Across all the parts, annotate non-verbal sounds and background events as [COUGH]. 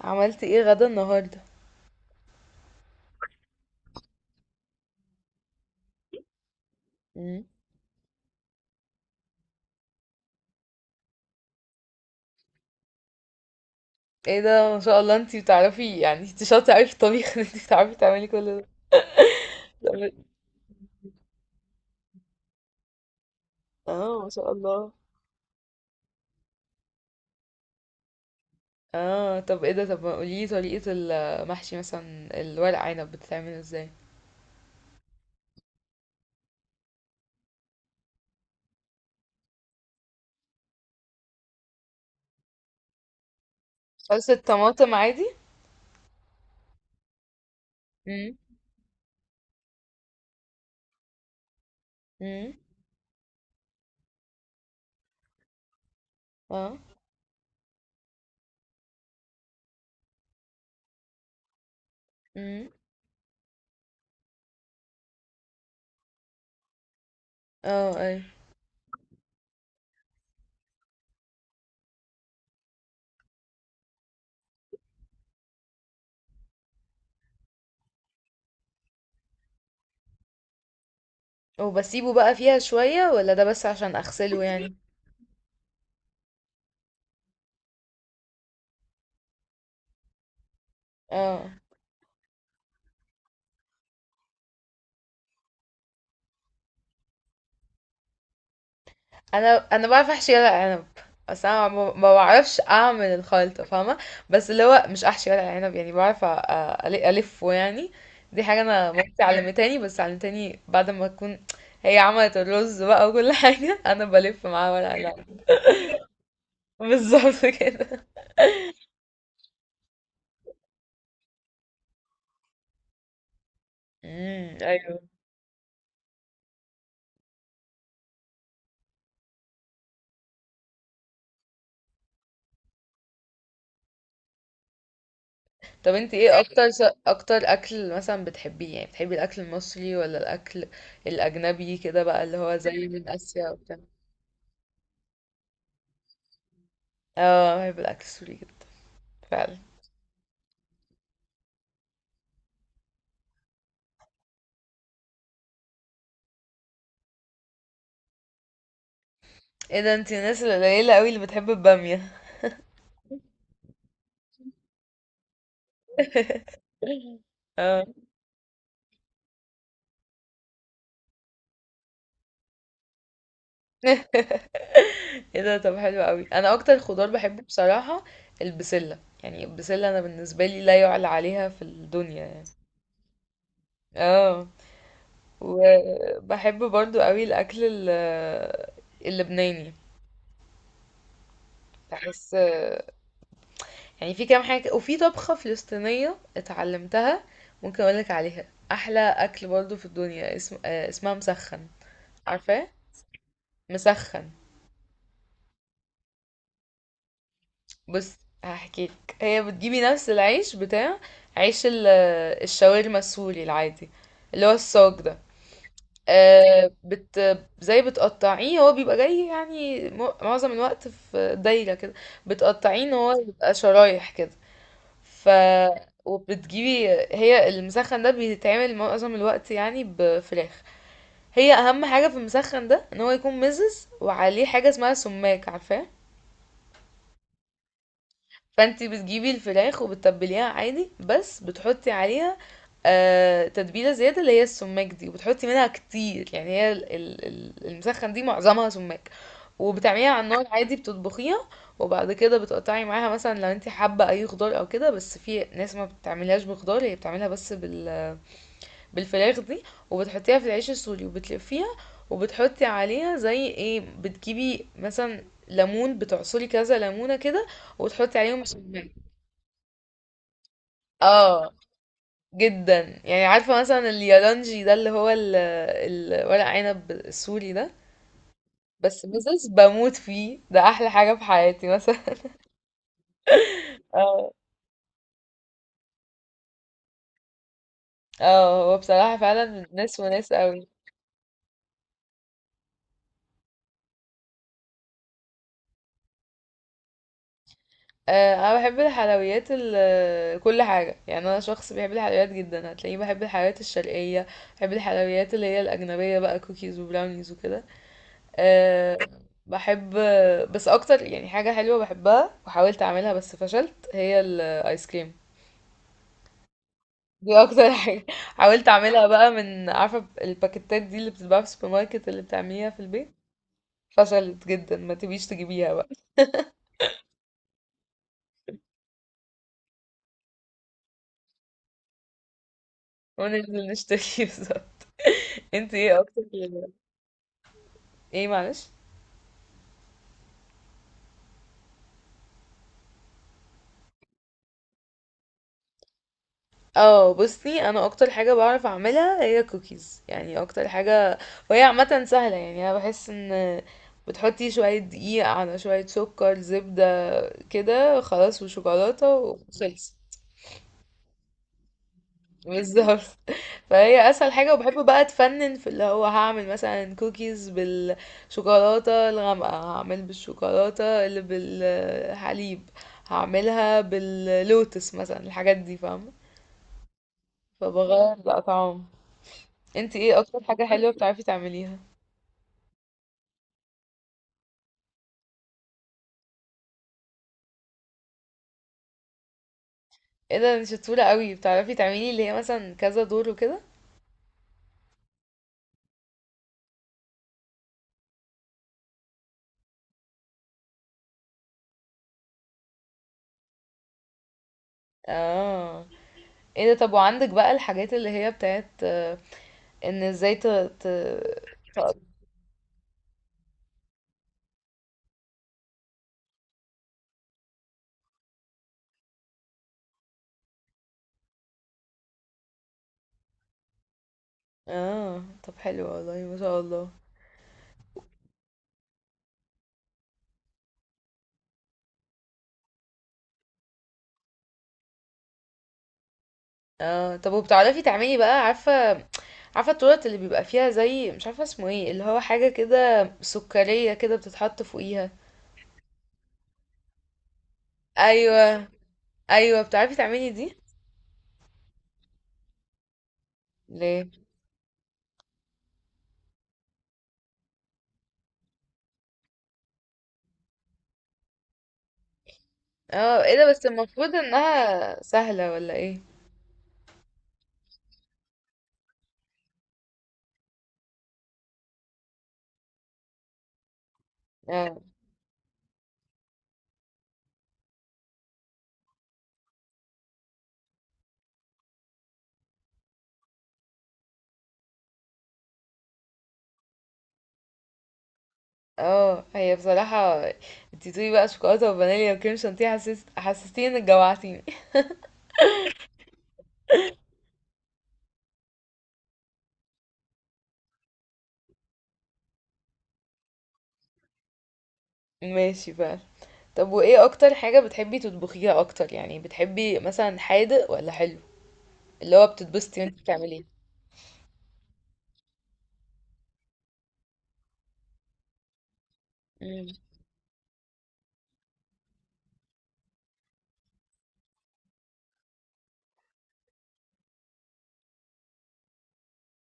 عملتي ايه غدا النهارده؟ مم. ايه ده، ما شاء الله، انتي بتعرفي، يعني انتي شاطره قوي في الطبيخ. [LAUGHS] ان انتي بتعرفي تعملي كل ده. طب- اه، ما شاء الله. اه، طب ايه ده؟ طب ما قوليلي طريقه المحشي، مثلا الورق عنب بتتعمل ازاي؟ صلصه طماطم عادي. امم. امم. اه. امم. اه اي. وبسيبه بقى فيها شويه، ولا ده بس عشان اغسله يعني؟ [LAUGHS] اه. أنا باعرف أحشي ورق عنب، بس أنا ما بعرفش أعمل الخلطة، فاهمة؟ بس اللي هو مش أحشي ورق عنب، يعني بعرف ألفه يعني. دي حاجة أنا مامتي علمتاني، بس علمتاني بعد ما أكون هي عملت الرز بقى وكل [LAUGHS] حاجة، أنا بلف معاها ورق العنب. بالظبط كده. امم، أيوه. طب انت ايه اكتر اكتر اكل مثلا بتحبيه؟ يعني بتحبي الاكل المصري، ولا الاكل الاجنبي كده بقى، اللي هو زي من اسيا وبتاع؟ اه، بحب الاكل السوري جدا. فعلا. ايه ده، انتي الناس القليلة قوي اللي بتحب البامية. [LAUGHS] اه. ايه ده، طب حلو قوي. انا اكتر خضار بحبه بصراحة البسلة، يعني البسلة انا بالنسبة لي لا يعلى عليها في الدنيا يعني. اه. وبحب برضو قوي الاكل اللبناني. بحس يعني في كام حاجة، وفي طبخة فلسطينية اتعلمتها ممكن اقولك عليها احلى اكل برضو في الدنيا اسمها مسخن. عارفاه؟ مسخن. بص، هحكيلك. هي بتجيبي نفس العيش بتاع عيش ال- الشاورما السوري العادي، اللي هو الصاج ده. آه، بت زي بتقطعيه، هو بيبقى جاي يعني معظم الوقت في دايرة كده. بتقطعيه ان هو يبقى شرايح كده. ف وبتجيبي هي المسخن ده بيتعمل معظم الوقت يعني بفراخ. هي اهم حاجة في المسخن ده ان هو يكون مزز، وعليه حاجة اسمها سماق، عارفاه؟ فانتي بتجيبي الفراخ وبتتبليها عادي، بس بتحطي عليها آه تتبيلة زيادة اللي هي السماق دي، وبتحطي منها كتير. يعني هي المسخن دي معظمها سماق، وبتعمليها على النار عادي بتطبخيها. وبعد كده بتقطعي معاها مثلا، لو انتي حابة اي خضار او كده، بس في ناس ما بتعملهاش بخضار، هي بتعملها بس بالفراخ دي، وبتحطيها في العيش السوري وبتلفيها. وبتحطي عليها زي ايه، بتجيبي مثلا ليمون بتعصري كذا ليمونة كده، وتحطي عليهم سماق. اه، جدا. يعني عارفة مثلا اليالانجي ده، اللي هو ورق عنب السوري ده، بس بزز بموت فيه، ده احلى حاجة في حياتي مثلا. [LAUGHS] اه. اه، هو بصراحة فعلا ناس وناس قوي. انا بحب الحلويات كل حاجة، يعني انا شخص بيحب الحلويات جدا، هتلاقيني بحب الحلويات الشرقية، بحب الحلويات اللي هي الاجنبية بقى، كوكيز وبراونيز وكده. آه بحب، بس اكتر يعني حاجة حلوة بحبها وحاولت اعملها بس فشلت هي الايس كريم. دي اكتر حاجة [LAUGHS] حاولت اعملها بقى، من عارفة الباكيتات دي اللي بتتباع في السوبر ماركت، اللي بتعمليها في البيت. فشلت جدا، ما تبيش تجيبيها بقى. وننزل نشتري [LAUGHS] بصراحة. انت ايه اكتر؟ ايه معلش. اه، بصي، انا اكتر حاجة بعرف اعملها هي كوكيز، يعني اكتر حاجة. وهي عامة سهلة يعني، انا بحس ان بتحطي شوية دقيق على شوية سكر زبدة، كده خلاص، وشوكولاتة وخلص. بالظبط. فهي اسهل حاجة، وبحب بقى اتفنن في اللي هو هعمل مثلا كوكيز بالشوكولاتة الغامقة، هعمل بالشوكولاتة اللي بالحليب، هعملها باللوتس مثلا، الحاجات دي فاهمة؟ فبغير الاطعام. انت ايه اكتر حاجة حلوة بتعرفي تعمليها؟ ايه ده، انت شطورة قوي، بتعرفي تعملي اللي هي مثلا كذا دور وكده. اه، ايه ده. طب وعندك بقى الحاجات اللي هي بتاعت آه، ان ازاي. ت- اه، طب حلو والله، ما شاء الله. اه، طب وبتعرفي تعملي بقى، عارفة؟ عارفة التورت اللي بيبقى فيها زي مش عارفة اسمه ايه، اللي هو حاجة كده سكرية كده بتتحط فوقيها؟ ايوه. ايوه، بتعرفي تعملي دي؟ ليه؟ اه، ايه ده، بس المفروض انها سهلة، ولا ايه؟ اه. اه، هي بصراحة. انتي بتقولي بقى شوكولاتة وفانيليا وكريم شانتيه، حسستيني انك جوعتيني. [LAUGHS] ماشي بقى. طب وايه اكتر حاجة بتحبي تطبخيها اكتر؟ يعني بتحبي مثلا حادق ولا حلو، اللي هو بتتبسطي وانتي بتعمليه؟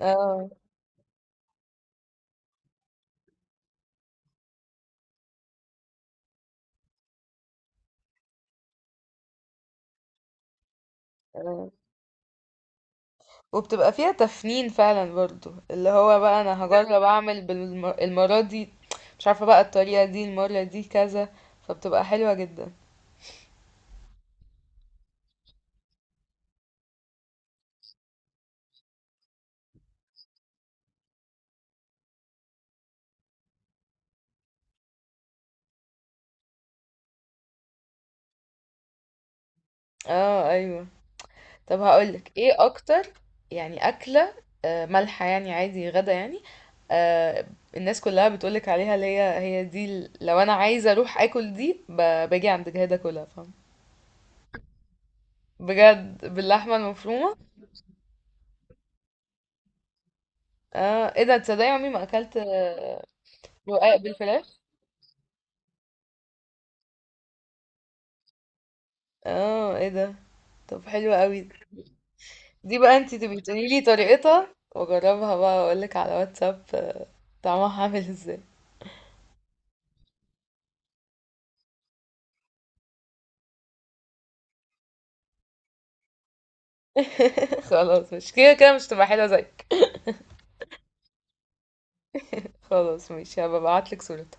اه. اه، وبتبقى فيها تفنين فعلا، برضو اللي هو بقى انا هجرب اعمل بالمرة دي، مش عارفة بقى الطريقة دي المرة دي كذا، فبتبقى حلوة جدا. اه، ايوه. طب هقولك ايه اكتر يعني اكلة مالحة، يعني عادي غدا يعني. آه، الناس كلها بتقولك عليها اللي هي دي لو انا عايزة اروح اكل دي باجي عند جهادة، كلها فاهم، بجد، باللحمة المفرومة. اه، ايه ده، تصدقي عمري ما اكلت رقاق بالفراخ. اه، ايه ده، طب حلو قوي. دي بقى انتي تبقي تقولي لي طريقتها، واجربها بقى واقول لك على واتساب طعمها عامل ازاي. [LAUGHS] خلاص، مش كده كده مش تبقى حلوه زيك. خلاص، ماشي، هبقى ابعت لك صورتها.